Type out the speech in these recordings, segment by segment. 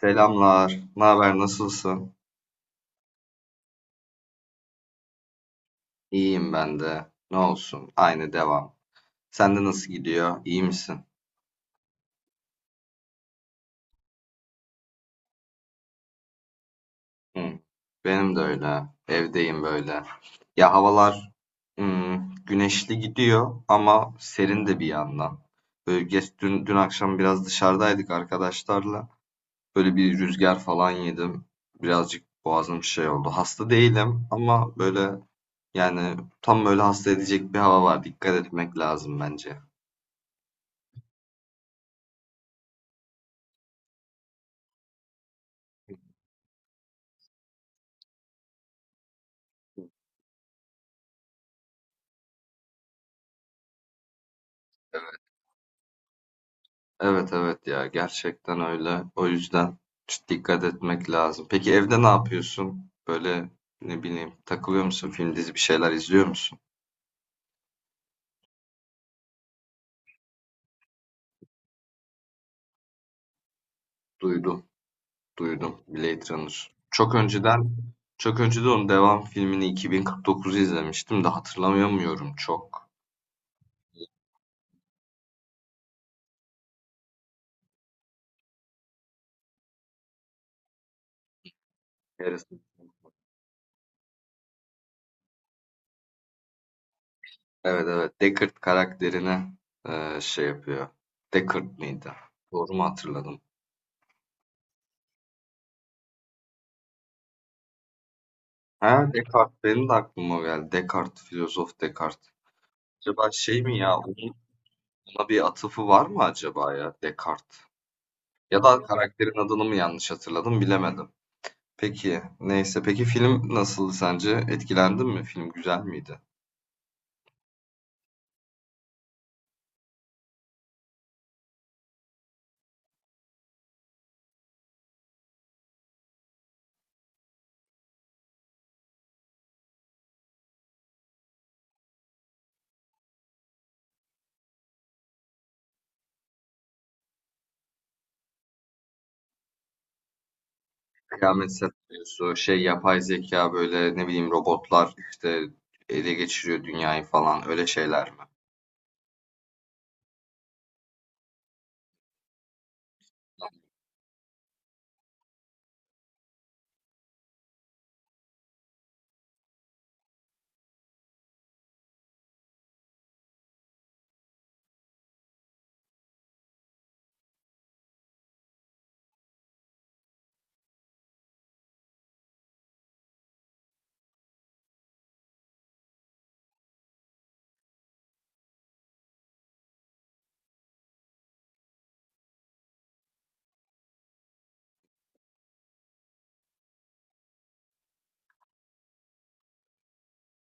Selamlar. Ne haber? Nasılsın? İyiyim ben de. Ne olsun? Aynı devam. Sende nasıl gidiyor? İyi misin? Hı. Benim de öyle. Evdeyim böyle. Ya havalar güneşli gidiyor ama serin de bir yandan. Böyle geç, dün akşam biraz dışarıdaydık arkadaşlarla. Böyle bir rüzgar falan yedim. Birazcık boğazım şey oldu. Hasta değilim ama böyle yani tam böyle hasta edecek bir hava var. Dikkat etmek lazım bence. Evet, evet, ya gerçekten öyle. O yüzden çok dikkat etmek lazım. Peki evde ne yapıyorsun? Böyle ne bileyim takılıyor musun? Film dizi bir şeyler izliyor musun? Duydum, duydum Blade Runner. Çok önceden onun devam filmini 2049'u izlemiştim de hatırlamıyorum çok. Harrison- Evet, evet, Deckard karakterine şey yapıyor. Deckard mıydı? Doğru mu hatırladım? Ha, Descartes benim de aklıma o geldi. Descartes, filozof Descartes. Acaba şey mi ya? Buna bir atıfı var mı acaba ya Descartes? Ya da karakterin adını mı yanlış hatırladım bilemedim. Peki neyse peki film nasıldı sence? Etkilendin mi? Film güzel miydi? Kıyamet senaryosu, şey yapay zeka böyle ne bileyim robotlar işte ele geçiriyor dünyayı falan öyle şeyler mi?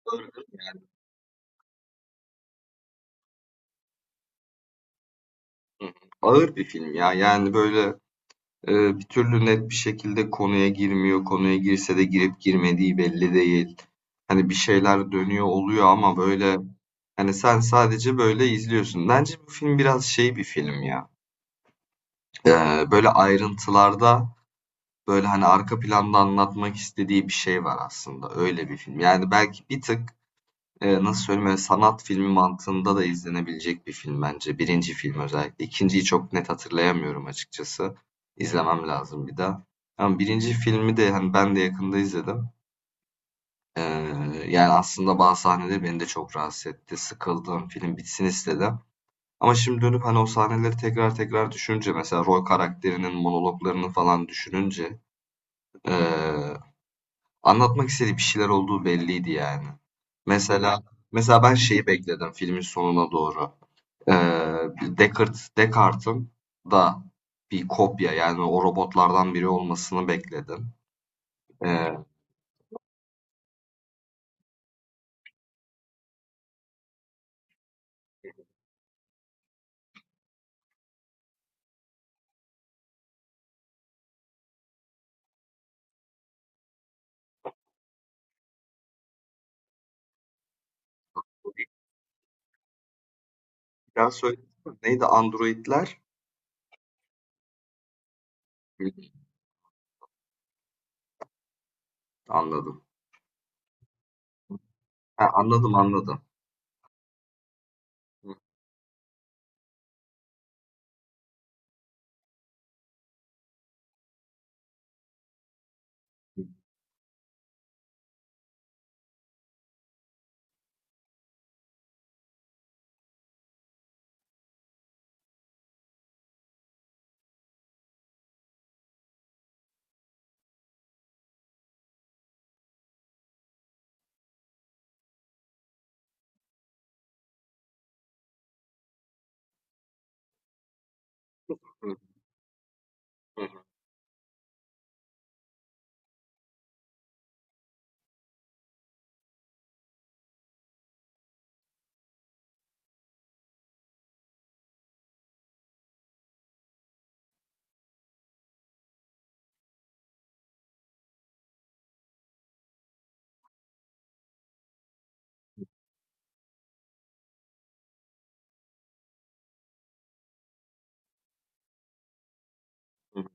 Ağır değil mi? Hı hı. Ağır bir film ya yani böyle. Bir türlü net bir şekilde konuya girmiyor. Konuya girse de girip girmediği belli değil. Hani bir şeyler dönüyor oluyor ama böyle hani sen sadece böyle izliyorsun. Bence bu film biraz şey bir film ya. Böyle ayrıntılarda böyle hani arka planda anlatmak istediği bir şey var aslında. Öyle bir film. Yani belki bir tık. Nasıl söyleyeyim, böyle sanat filmi mantığında da izlenebilecek bir film bence. Birinci film özellikle. 2.'yi çok net hatırlayamıyorum açıkçası. İzlemem lazım bir daha. Ama birinci filmi de hani ben de yakında izledim. Eee, Yani aslında bazı sahneler beni de çok rahatsız etti. Sıkıldım, film bitsin istedim. Ama şimdi dönüp hani o sahneleri tekrar tekrar düşününce mesela rol karakterinin monologlarını falan düşününce eee anlatmak istediği bir şeyler olduğu belliydi yani. Mesela mesela ben şeyi bekledim filmin sonuna doğru. Ee, Deckard'ın da bir kopya yani o robotlardan biri olmasını bekledim. Ee, Biraz söyle neydi androidler? Hı, anladım. Ha, anladım, anladım. Hı, hı, hı, hı, hı,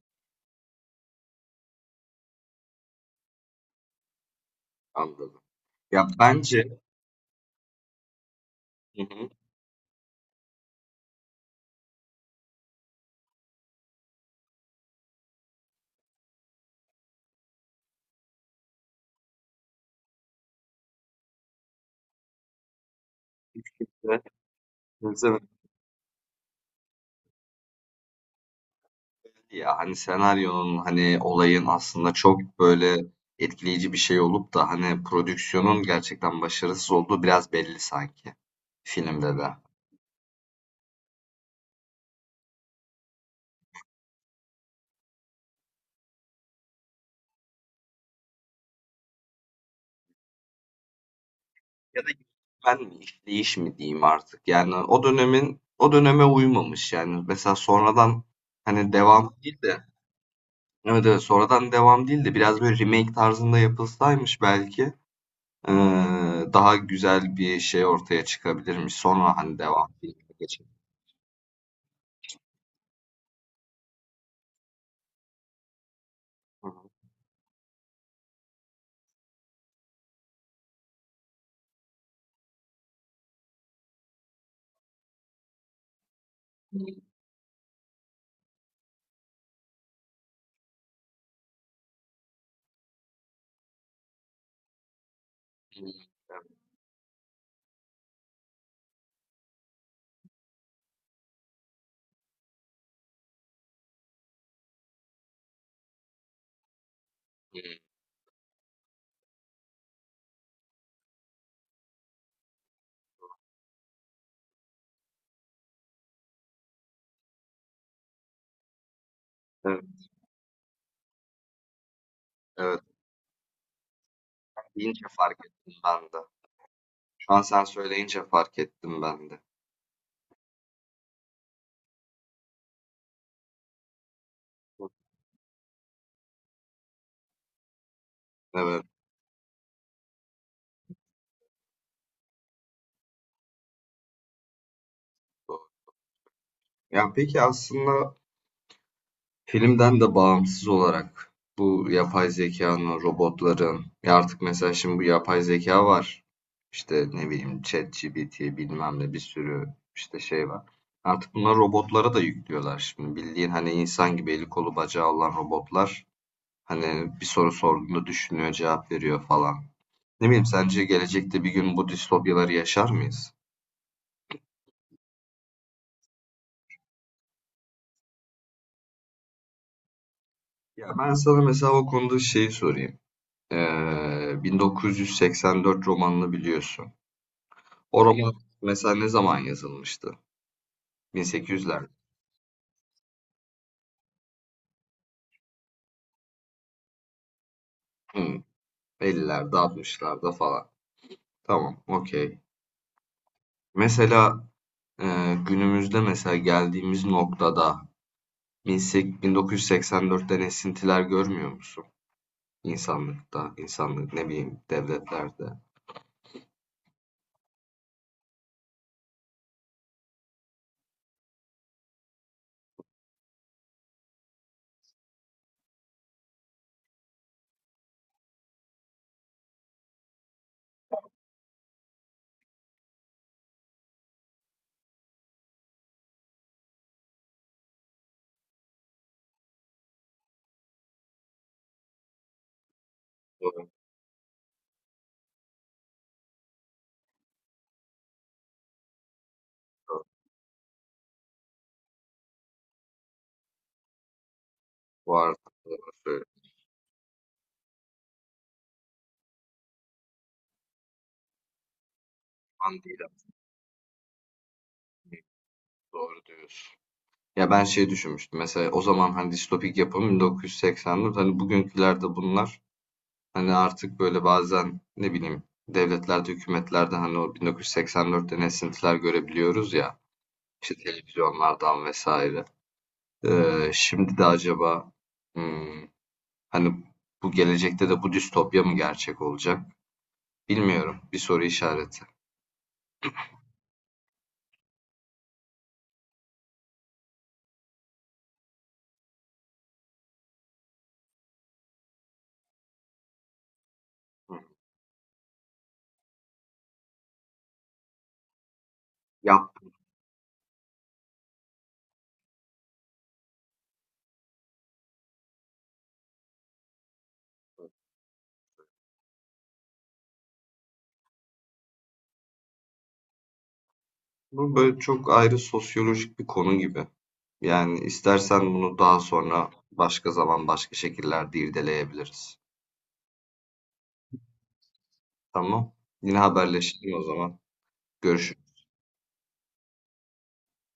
anladım. Ya bence. Hı hı. Ne- Ya, hani, senaryonun, hani, olayın aslında çok, böyle, etkileyici bir şey olup da, hani, prodüksiyonun gerçekten başarısız olduğu biraz belli sanki filmde de. Ya da ben mi, işleyiş mi diyeyim artık. Yani o dönemin o döneme uymamış. Yani mesela sonradan, hani, devam değil de evet, evet, sonradan devam değil de biraz, böyle, remake tarzında yapılsaymış belki, daha güzel bir şey ortaya çıkabilirmiş. Sonra, hani, devam filmine geçebilirmiş. Hı. Evet. Hı hı. Evet. Evet, evet. Evet, deyince fark ettim ben de. Şu an sen söyleyince fark ettim ben de. Evet, doğru. Ya peki aslında filmden de bağımsız olarak bu yapay zekanın, robotların, ya artık mesela şimdi bu yapay zeka var. İşte ne bileyim ChatGPT bilmem ne bir sürü işte şey var. Artık bunlar robotlara da yüklüyorlar şimdi. Bildiğin hani insan gibi eli kolu bacağı olan robotlar hani bir soru sorduğunda düşünüyor, cevap veriyor falan. Ne bileyim sence gelecekte bir gün bu distopyaları yaşar mıyız? Ya ben sana mesela o konuda şeyi sorayım. 1984 romanını biliyorsun. O roman mesela ne zaman yazılmıştı? 1800'lerde, hmm, 50'lerde, 60'larda falan. Tamam, okey. Mesela e, günümüzde mesela geldiğimiz noktada 1984'ten esintiler görmüyor musun? İnsanlıkta, insanlık ne bileyim devletlerde. Bu arada, bu arada, doğru söylüyorum. Doğru diyorsun. Ya ben şey düşünmüştüm. Mesela o zaman hani distopik yapım 1980'de hani bugünkülerde bunlar hani artık böyle bazen ne bileyim devletlerde, hükümetlerde hani o 1984'ten esintiler görebiliyoruz ya. İşte televizyonlardan vesaire. Şimdi de acaba hmm, hani bu gelecekte de bu distopya mı gerçek olacak? Bilmiyorum. Bir soru işareti. Ya bu böyle çok ayrı sosyolojik bir konu gibi. Yani istersen bunu daha sonra başka zaman başka şekillerde irdeleyebiliriz. Tamam. Yine haberleşelim o zaman. Görüşürüz.